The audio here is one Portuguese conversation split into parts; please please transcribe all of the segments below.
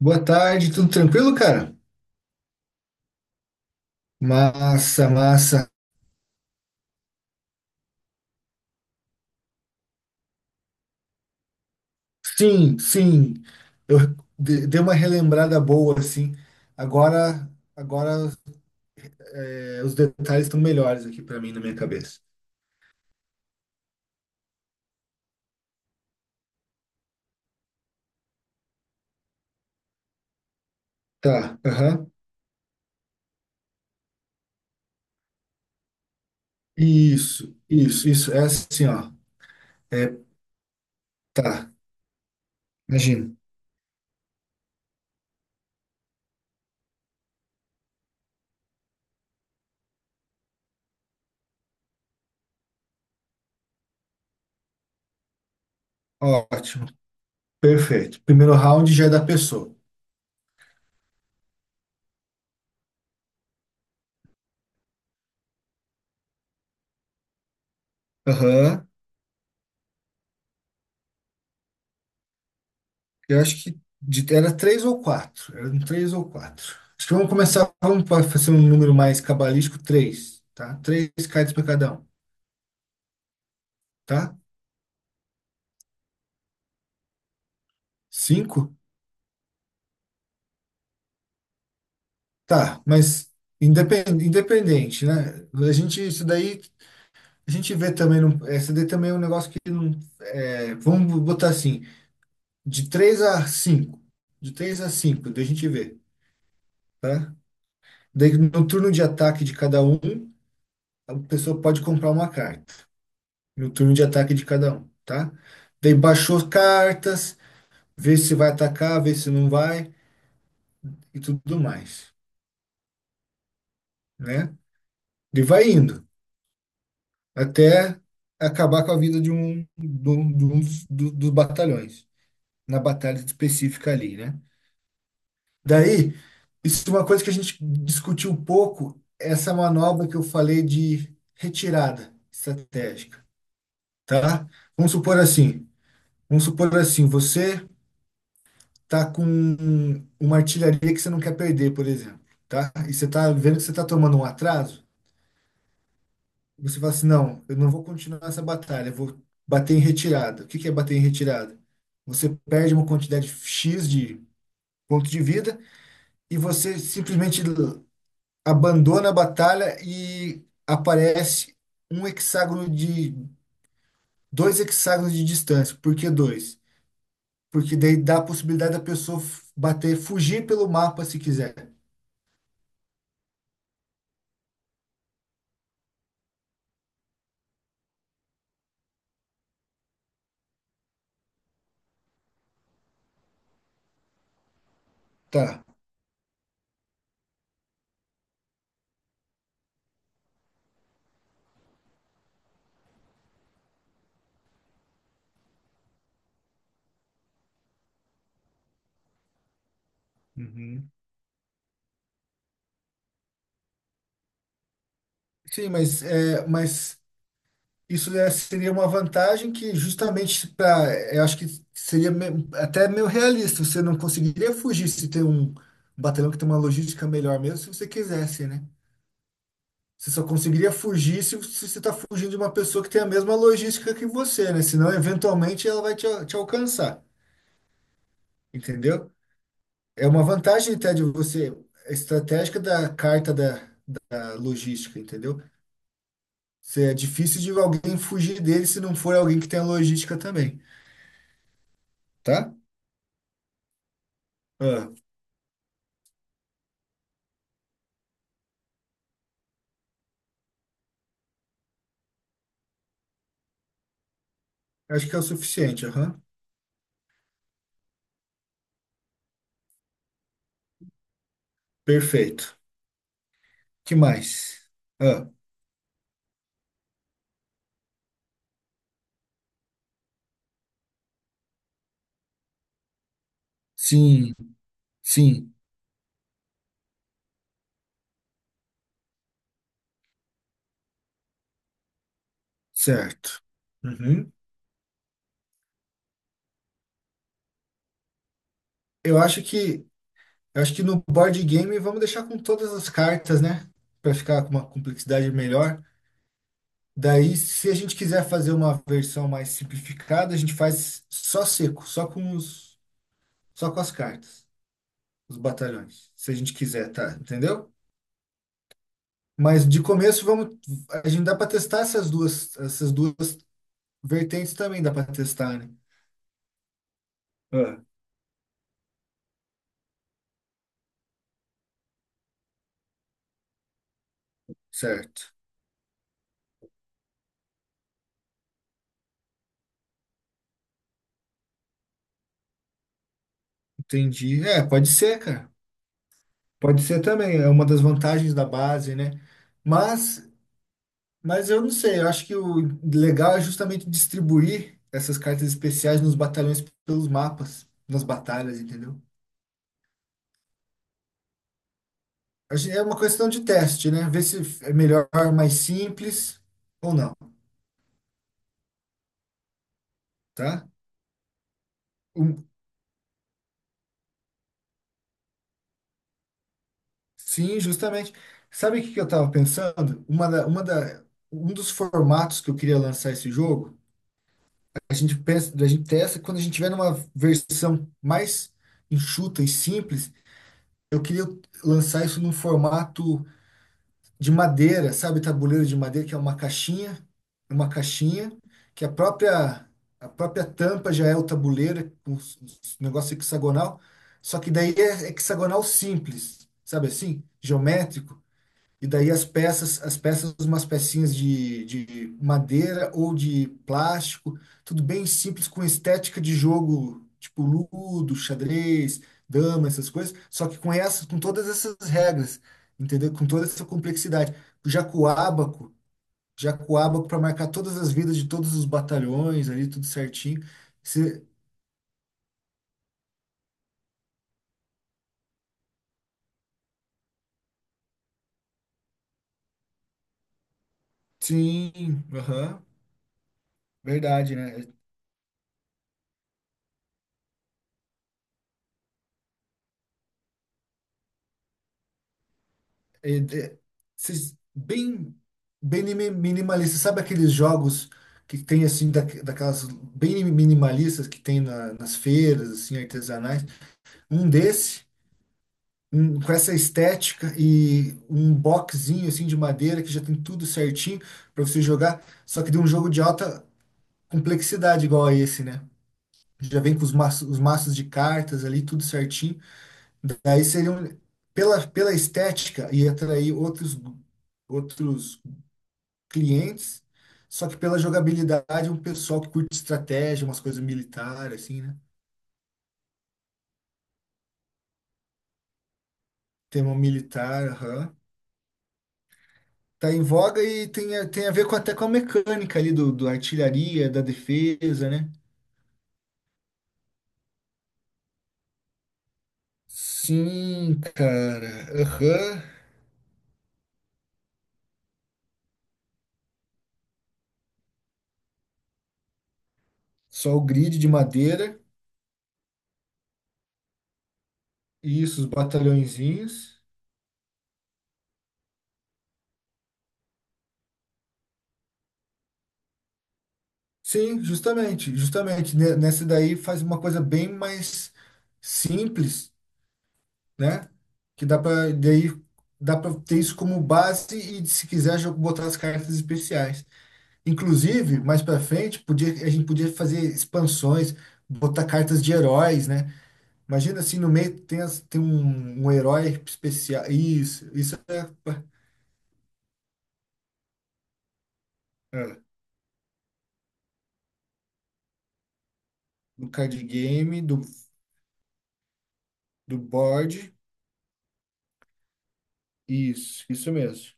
Boa tarde, tudo tranquilo, cara? Massa, massa. Sim, sim. Eu dei uma relembrada boa, assim. Agora, agora os detalhes estão melhores aqui para mim na minha cabeça. Tá, aham. Isso, isso, isso. É assim, ó. É, tá, imagina. Ótimo, perfeito. Primeiro round já é da pessoa. Aham. Eu acho que era três ou quatro. Eram três ou quatro. Acho que vamos começar, vamos fazer um número mais cabalístico, três, tá? Três cards para cada um, tá? Cinco? Tá, mas independente, né? A gente, isso daí, a gente vê também, num, essa daí também é um negócio que não, é, vamos botar assim, de três a cinco. De três a cinco, daí a gente vê, tá? Daí no turno de ataque de cada um, a pessoa pode comprar uma carta. E o turno de ataque de cada um, tá? Daí baixou cartas, vê se vai atacar, vê se não vai e tudo mais, né? E vai indo até acabar com a vida de um dos, dos batalhões, na batalha específica ali, né? Daí, isso é uma coisa que a gente discutiu um pouco, essa manobra que eu falei de retirada estratégica, tá? Vamos supor assim, vamos supor assim, você tá com uma artilharia que você não quer perder, por exemplo, tá? E você tá vendo que você tá tomando um atraso, você fala assim, não, eu não vou continuar essa batalha, eu vou bater em retirada. O que que é bater em retirada? Você perde uma quantidade X de ponto de vida e você simplesmente abandona a batalha e aparece um hexágono de dois hexágonos de distância. Por que dois? Porque daí dá a possibilidade da pessoa bater, fugir pelo mapa se quiser. Tá. Sim, mas, é, mas seria uma vantagem que justamente para, eu acho que seria até meio realista, você não conseguiria fugir se tem um batalhão que tem uma logística melhor mesmo, se você quisesse, né? Você só conseguiria fugir se, se você está fugindo de uma pessoa que tem a mesma logística que você, né? Senão, eventualmente, ela vai te, te alcançar, entendeu? É uma vantagem até de você, estratégica da carta da, da logística, entendeu? É difícil de alguém fugir dele se não for alguém que tem logística também, tá? Ah, acho que é o suficiente, aham. Perfeito. Que mais? Ah, sim, sim, certo. Uhum. Eu acho que, eu acho que no board game vamos deixar com todas as cartas, né? Para ficar com uma complexidade melhor. Daí, se a gente quiser fazer uma versão mais simplificada, a gente faz só seco, só com as cartas, os batalhões. Se a gente quiser, tá? Entendeu? Mas de começo vamos, a gente dá para testar essas duas vertentes também dá para testar, né? Ah, certo. Entendi. É, pode ser, cara. Pode ser também, é uma das vantagens da base, né? Mas, mas eu não sei, eu acho que o legal é justamente distribuir essas cartas especiais nos batalhões pelos mapas, nas batalhas, entendeu? É uma questão de teste, né? Ver se é melhor, mais simples ou não, tá? Sim, justamente. Sabe o que que eu estava pensando? Um dos formatos que eu queria lançar esse jogo, a gente pensa, a gente testa quando a gente tiver numa versão mais enxuta e simples, eu queria lançar isso num formato de madeira, sabe, tabuleiro de madeira, que é uma caixinha, que a própria tampa já é o tabuleiro, com os negócio hexagonal, só que daí é hexagonal simples, sabe assim, geométrico. E daí as peças, umas pecinhas de madeira ou de plástico, tudo bem simples, com estética de jogo, tipo ludo, xadrez, dama, essas coisas, só que com essas, com todas essas regras, entendeu? Com toda essa complexidade. Já com o ábaco, já com o ábaco para marcar todas as vidas de todos os batalhões ali, tudo certinho. Se- sim, aham, verdade, né? É, é, esses bem, bem minimalista. Sabe aqueles jogos que tem assim, da, daquelas bem minimalistas que tem nas feiras, assim, artesanais? Um desse, um, com essa estética e um boxzinho assim de madeira que já tem tudo certinho para você jogar, só que de um jogo de alta complexidade igual a esse, né? Já vem com os maços de cartas ali, tudo certinho. Daí seria um, pela, pela estética e atrair outros outros clientes, só que pela jogabilidade, um pessoal que curte estratégia, umas coisas militares, assim, né? Tema militar, aham. Tá em voga e tem, tem a ver com, até com a mecânica ali do, do artilharia, da defesa, né? Sim, cara. Aham. Só o grid de madeira. Isso, os batalhõezinhos. Sim, justamente, justamente. Nessa daí faz uma coisa bem mais simples né? Que dá para daí dá para ter isso como base e se quiser já botar as cartas especiais. Inclusive, mais para frente, podia a gente podia fazer expansões, botar cartas de heróis, né? Imagina assim no meio tem, tem um, um herói especial. Isso é, é do card game, do, do board. Isso mesmo.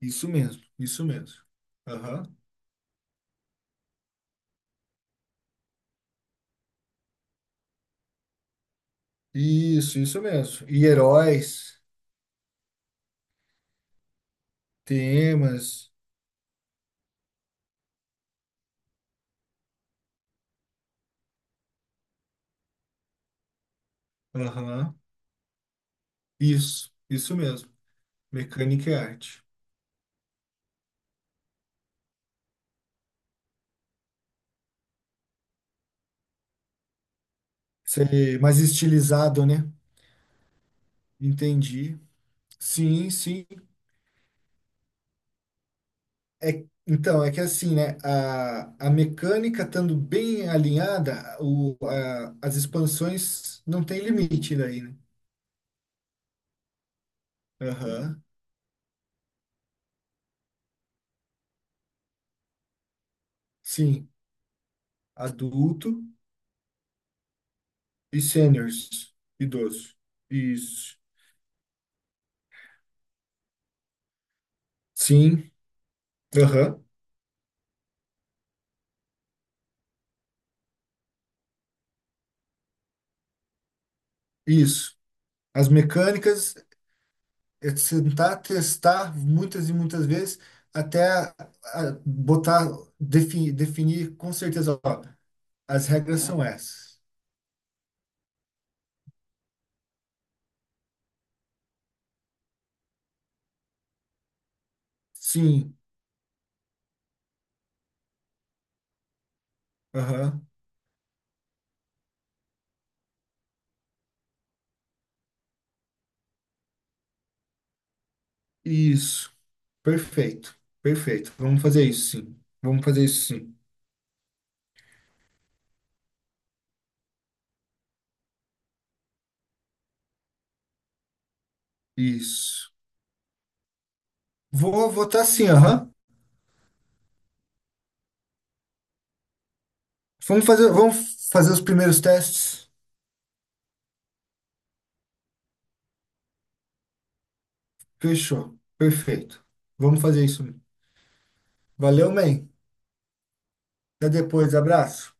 Isso mesmo, isso mesmo. Aham. Isso mesmo. E heróis, temas. Aham. Isso mesmo. Mecânica e arte. Isso aí, mais estilizado, né? Entendi. Sim, sim. É, então, é que assim, né? A, mecânica estando bem alinhada, o, a- as expansões não tem limite daí, né? Aham. Sim. Adulto e seniors. Idoso. Isso. Sim. Aham. Isso. As mecânicas é tentar testar muitas e muitas vezes até a botar, definir, definir com certeza, ó, as regras são essas. Sim, aham, isso, perfeito, perfeito. Vamos fazer isso, sim. Vamos fazer isso, sim. Isso. Vou votar sim, aham. Vamos fazer os primeiros testes. Fechou, perfeito. Vamos fazer isso. Valeu, man. Até depois, abraço.